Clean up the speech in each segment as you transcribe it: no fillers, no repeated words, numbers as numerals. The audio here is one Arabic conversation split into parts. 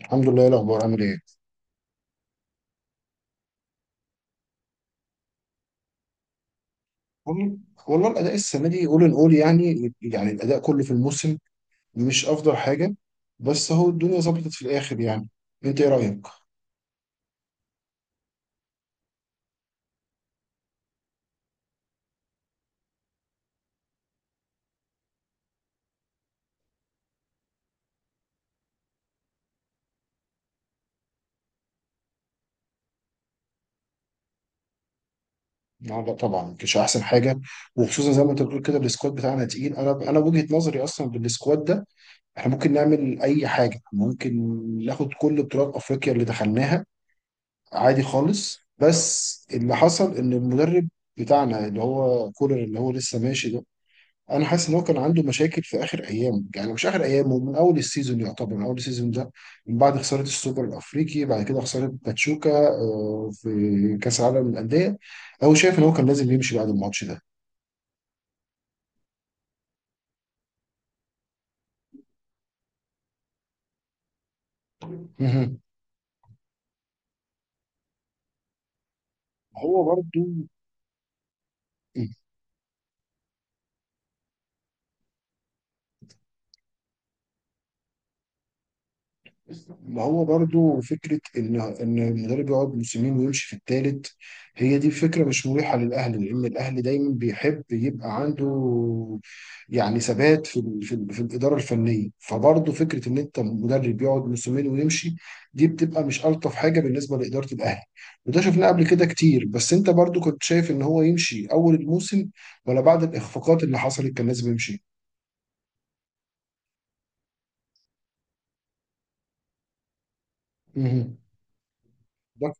الحمد لله، إيه الاخبار؟ عامل ايه؟ والله والله الاداء السنه دي اول ان اول يعني الاداء كله في الموسم مش افضل حاجه. بس هو الدنيا ظبطت في الاخر يعني. انت ايه رايك؟ لا لا، طبعا مش احسن حاجه. وخصوصا زي ما انت بتقول كده، السكواد بتاعنا تقيل. انا وجهه نظري اصلا بالسكواد ده، احنا ممكن نعمل اي حاجه. ممكن ناخد كل بطولات افريقيا اللي دخلناها عادي خالص. بس اللي حصل ان المدرب بتاعنا اللي هو كولر اللي هو لسه ماشي، انا حاسس ان هو كان عنده مشاكل في اخر ايام، يعني مش اخر ايام، هو من اول السيزون يعتبر، من اول السيزون ده، من بعد خساره السوبر الافريقي، بعد كده خساره باتشوكا، في كاس العالم للانديه، هو شايف ان هو كان لازم يمشي بعد الماتش ده. مهم. هو برضو. ما هو برضو فكرة إن المدرب يقعد موسمين ويمشي في التالت، هي دي فكرة مش مريحة للأهلي، لأن الأهلي دايما بيحب يبقى عنده يعني ثبات في الإدارة الفنية. فبرضو فكرة إن أنت مدرب يقعد موسمين ويمشي، دي بتبقى مش ألطف حاجة بالنسبة لإدارة الأهلي. وده شفناه قبل كده كتير. بس أنت برضو كنت شايف إن هو يمشي أول الموسم، ولا بعد الإخفاقات اللي حصلت كان لازم يمشي؟ مهم. ده.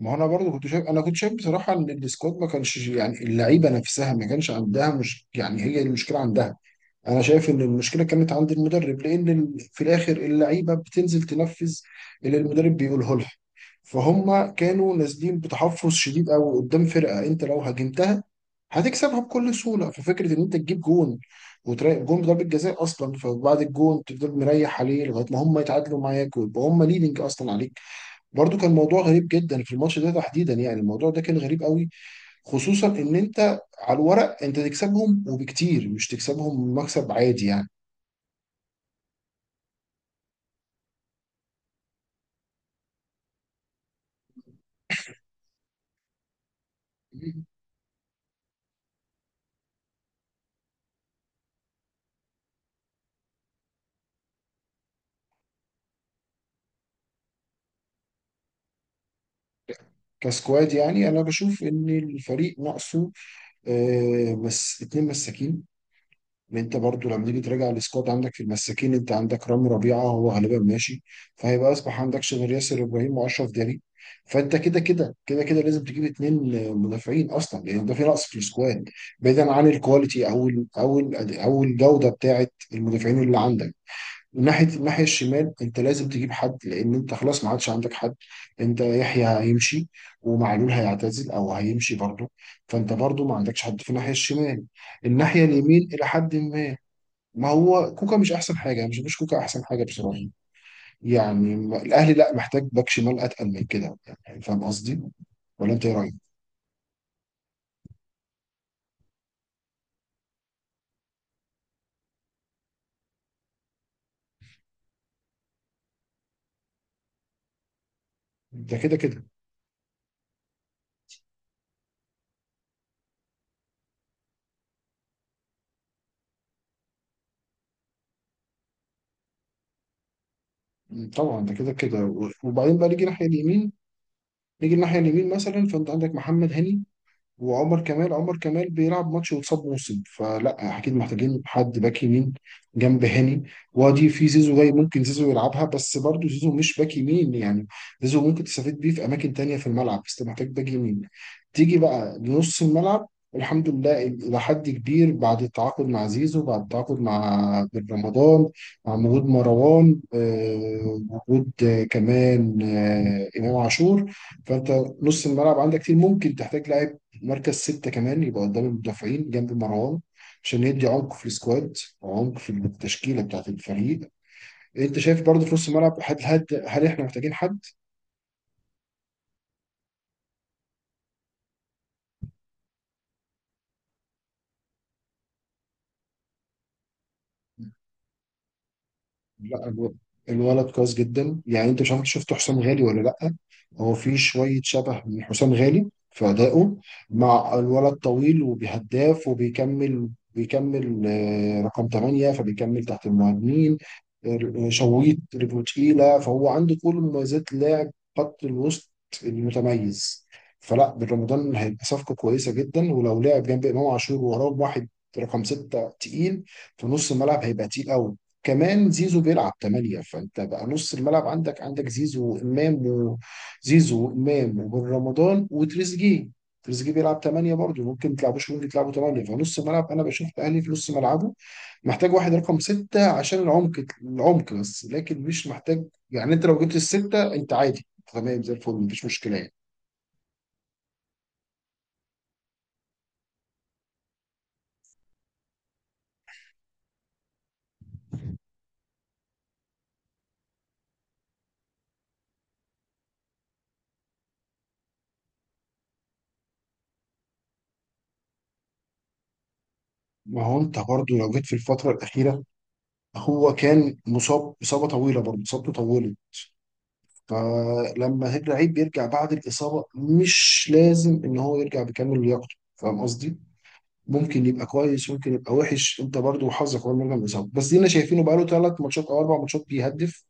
ما هو انا برضو كنت شايف بصراحه ان السكواد ما كانش، يعني اللعيبه نفسها ما كانش عندها، مش يعني هي المشكله عندها. انا شايف ان المشكله كانت عند المدرب، لان في الاخر اللعيبه بتنزل تنفذ اللي المدرب بيقوله لها. فهم كانوا نازلين بتحفظ شديد قوي قدام فرقه انت لو هاجمتها هتكسبها بكل سهوله. ففكره ان انت تجيب جون، وتراقب جون بضربه جزاء اصلا، فبعد الجون تفضل مريح عليه لغايه ما هم يتعادلوا معاك ويبقى هم ليدنج اصلا عليك. برضو كان موضوع غريب جدا في الماتش ده تحديدا، يعني الموضوع ده كان غريب قوي. خصوصا ان انت على الورق انت تكسبهم، وبكتير، مش تكسبهم مكسب عادي يعني. كسكواد، يعني انا بشوف ان الفريق ناقصه بس اتنين مساكين. ان انت برضو لما تيجي تراجع السكواد عندك في المساكين، انت عندك رامي ربيعه هو غالبا ماشي، فهيبقى اصبح عندكش غير ياسر ابراهيم واشرف داري. فانت كده كده لازم تجيب اتنين مدافعين اصلا، لان ده في نقص في السكواد، بعيدا عن الكواليتي او الجوده بتاعه المدافعين اللي عندك. من الناحيه الشمال، انت لازم تجيب حد لان انت خلاص ما عادش عندك حد. انت يحيى هيمشي، ومعلول هيعتزل او هيمشي برضه. فانت برضه ما عندكش حد في الناحيه الشمال. الناحيه اليمين الى حد ما. ما هو كوكا مش احسن حاجه. أنا مش بشوفش كوكا احسن حاجه بصراحه. يعني الاهلي لا محتاج باك شمال اتقل من كده. يعني فاهم قصدي؟ ولا انت ايه رايك؟ ده كده كده. طبعا ده كده كده. وبعدين بقى نيجي الناحيه اليمين مثلا، فانت عندك محمد هاني وعمر كمال. عمر كمال بيلعب ماتش وتصاب موسم، فلا اكيد محتاجين حد باك يمين جنب هاني. وادي في زيزو جاي، ممكن زيزو يلعبها، بس برضه زيزو مش باك يمين يعني. زيزو ممكن تستفيد بيه في اماكن تانية في الملعب، بس أنت محتاج باك يمين. تيجي بقى لنص الملعب، الحمد لله الى حد كبير بعد التعاقد مع زيزو، بعد التعاقد مع بن رمضان، مع وجود مروان، وجود كمان امام عاشور. فانت نص الملعب عندك كتير. ممكن تحتاج لاعب مركز 6 كمان، يبقى قدام المدافعين جنب مروان، عشان يدي عمق في السكواد وعمق في التشكيلة بتاعة الفريق. انت شايف برضه في نص الملعب، هل احنا محتاجين حد؟ لا، الولد كويس جدا. يعني انت مش عارف، شفت حسام غالي ولا لا؟ هو في شويه شبه من حسام غالي في ادائه. مع الولد طويل وبيهداف وبيكمل. بيكمل رقم 8، فبيكمل تحت المهاجمين. شويط رجله تقيله، فهو عنده كل مميزات لاعب خط الوسط المتميز. فلا بن رمضان هيبقى صفقه كويسه جدا، ولو لعب جنب امام عاشور وراه واحد رقم 6 تقيل، في نص الملعب هيبقى تقيل قوي. كمان زيزو بيلعب 8، فانت بقى نص الملعب عندك زيزو وامام، وزيزو وامام وبن رمضان وتريزيجيه. تريزيجيه بيلعب 8 برضه، ممكن تلعبوش ممكن تلعبوا 8. فنص الملعب انا بشوف الاهلي في نص ملعبه محتاج واحد رقم 6، عشان العمق بس لكن مش محتاج. يعني انت لو جبت الستة انت عادي، تمام زي الفل مفيش مشكلة يعني. ما هو انت برضه لو جيت في الفترة الأخيرة، هو كان مصاب إصابة طويلة، برضه إصابته طويلة. فلما لعيب بيرجع بعد الإصابة مش لازم إن هو يرجع بكامل لياقته، فاهم قصدي؟ ممكن يبقى كويس، ممكن يبقى وحش. انت برضو وحظك اول مره من الاصابه. بس دينا شايفينه بقاله 3 ماتشات او 4 ماتشات بيهدف.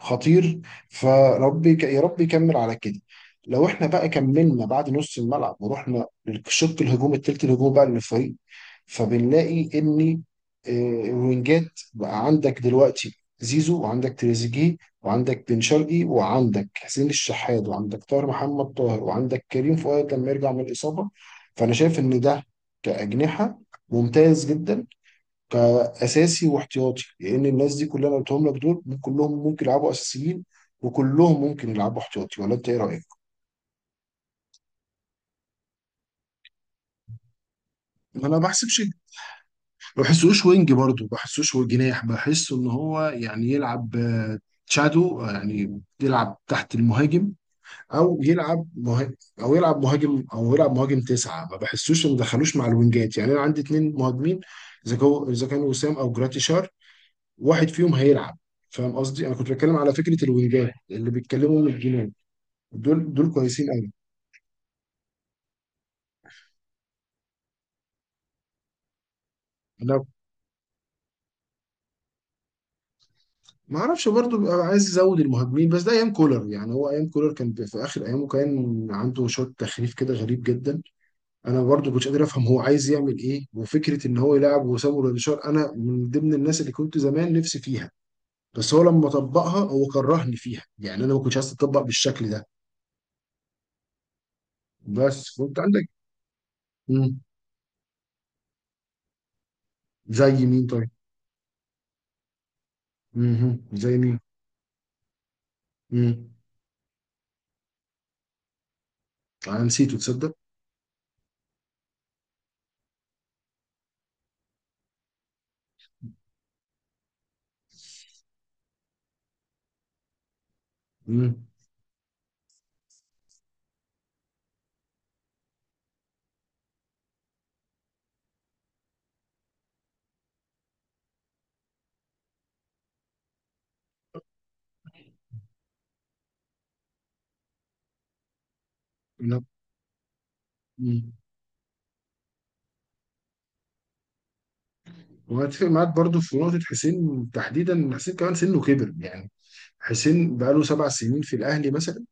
خطير، فربي يا رب يكمل على كده. لو احنا بقى كملنا بعد نص الملعب ورحنا للشق الهجوم، التلت الهجوم بقى للفريق، فبنلاقي ان آه، الوينجات بقى عندك دلوقتي زيزو، وعندك تريزيجيه، وعندك بن شرقي، وعندك حسين الشحات، وعندك طاهر محمد طاهر، وعندك كريم فؤاد لما يرجع من الاصابه. فانا شايف ان ده كأجنحة ممتاز جدا، كأساسي واحتياطي، لأن الناس دي كلها اللي أنا قلتهم لك دول كلهم ممكن يلعبوا أساسيين، وكلهم ممكن يلعبوا احتياطي. ولا أنت إيه رأيك؟ انا ما بحسبش. ما بحسوش وينج برضه، ما بحسوش هو جناح. بحسه ان هو يعني يلعب شادو، يعني يلعب تحت المهاجم، او يلعب مهاجم او يلعب مهاجم تسعه. ما بحسوش، ما دخلوش مع الوينجات يعني. انا عندي اتنين مهاجمين، اذا كانوا وسام او جراتيشار، واحد فيهم هيلعب. فاهم قصدي؟ انا كنت بتكلم على فكره الوينجات اللي بيتكلموا من الجنان، دول كويسين قوي. انا ما اعرفش، برضه ببقى عايز ازود المهاجمين. بس ده ايام كولر يعني، هو ايام كولر كان في اخر ايامه كان عنده شوط تخريف كده غريب جدا. انا برضه كنتش قادر افهم هو عايز يعمل ايه. وفكره ان هو يلعب وسامو روديشار، انا من ضمن الناس اللي كنت زمان نفسي فيها، بس هو لما طبقها هو كرهني فيها. يعني انا ما كنتش عايز تطبق بالشكل ده. بس كنت عندك. مم. زي مين طيب؟ مهم. زي مين؟ مم. انا نسيته تصدق. مم. لا. مم. وهتفق معاك برضو في نقطة حسين تحديدا، إن حسين كمان سنه كبر يعني. حسين بقاله 7 سنين في الأهلي مثلا.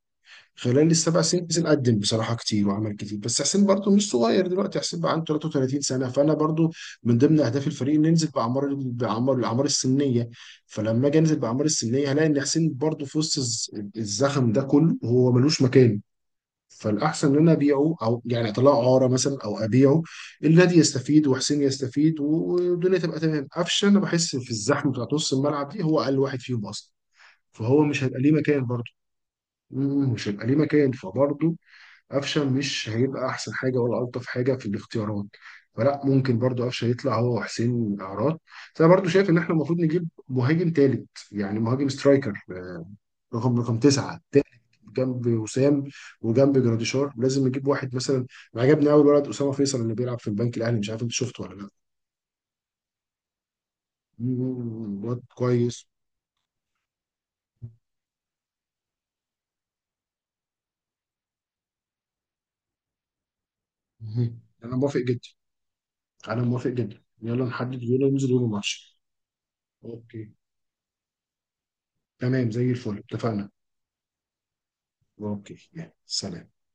خلال السبع سنين حسين قدم بصراحة كتير وعمل كتير. بس حسين برضو مش صغير دلوقتي، حسين بقى عنده 33 سنة. فأنا برضو من ضمن أهداف الفريق إن ننزل بأعمار الأعمار السنية. فلما أجي أنزل بأعمار السنية، هلاقي إن حسين برضو في وسط الزخم ده كله، هو ملوش مكان. فالاحسن ان انا ابيعه، او يعني اطلعه عاره مثلا، او ابيعه. النادي يستفيد وحسين يستفيد والدنيا تبقى تمام. قفشه، انا بحس في الزحمه بتاعت نص الملعب دي هو اقل واحد فيهم اصلا، فهو مش هيبقى ليه مكان برضه. مش هيبقى ليه مكان فبرضه قفشه مش هيبقى احسن حاجه ولا الطف حاجه في الاختيارات. فلا ممكن برضه قفشه يطلع هو وحسين اعراض. بس انا برضه شايف ان احنا المفروض نجيب مهاجم تالت، يعني مهاجم سترايكر، رقم 9 تالت، جنب وسام وجنب جراديشار. لازم نجيب واحد مثلا، عجبني قوي الولد اسامه فيصل اللي بيلعب في البنك الاهلي، مش عارف انت شفته ولا لا. واد كويس. مم. انا موافق جدا. انا موافق جدا، يلا نحدد يوم ننزل يوم الماتش. اوكي. تمام زي الفل، اتفقنا. اوكي، يلا سلام.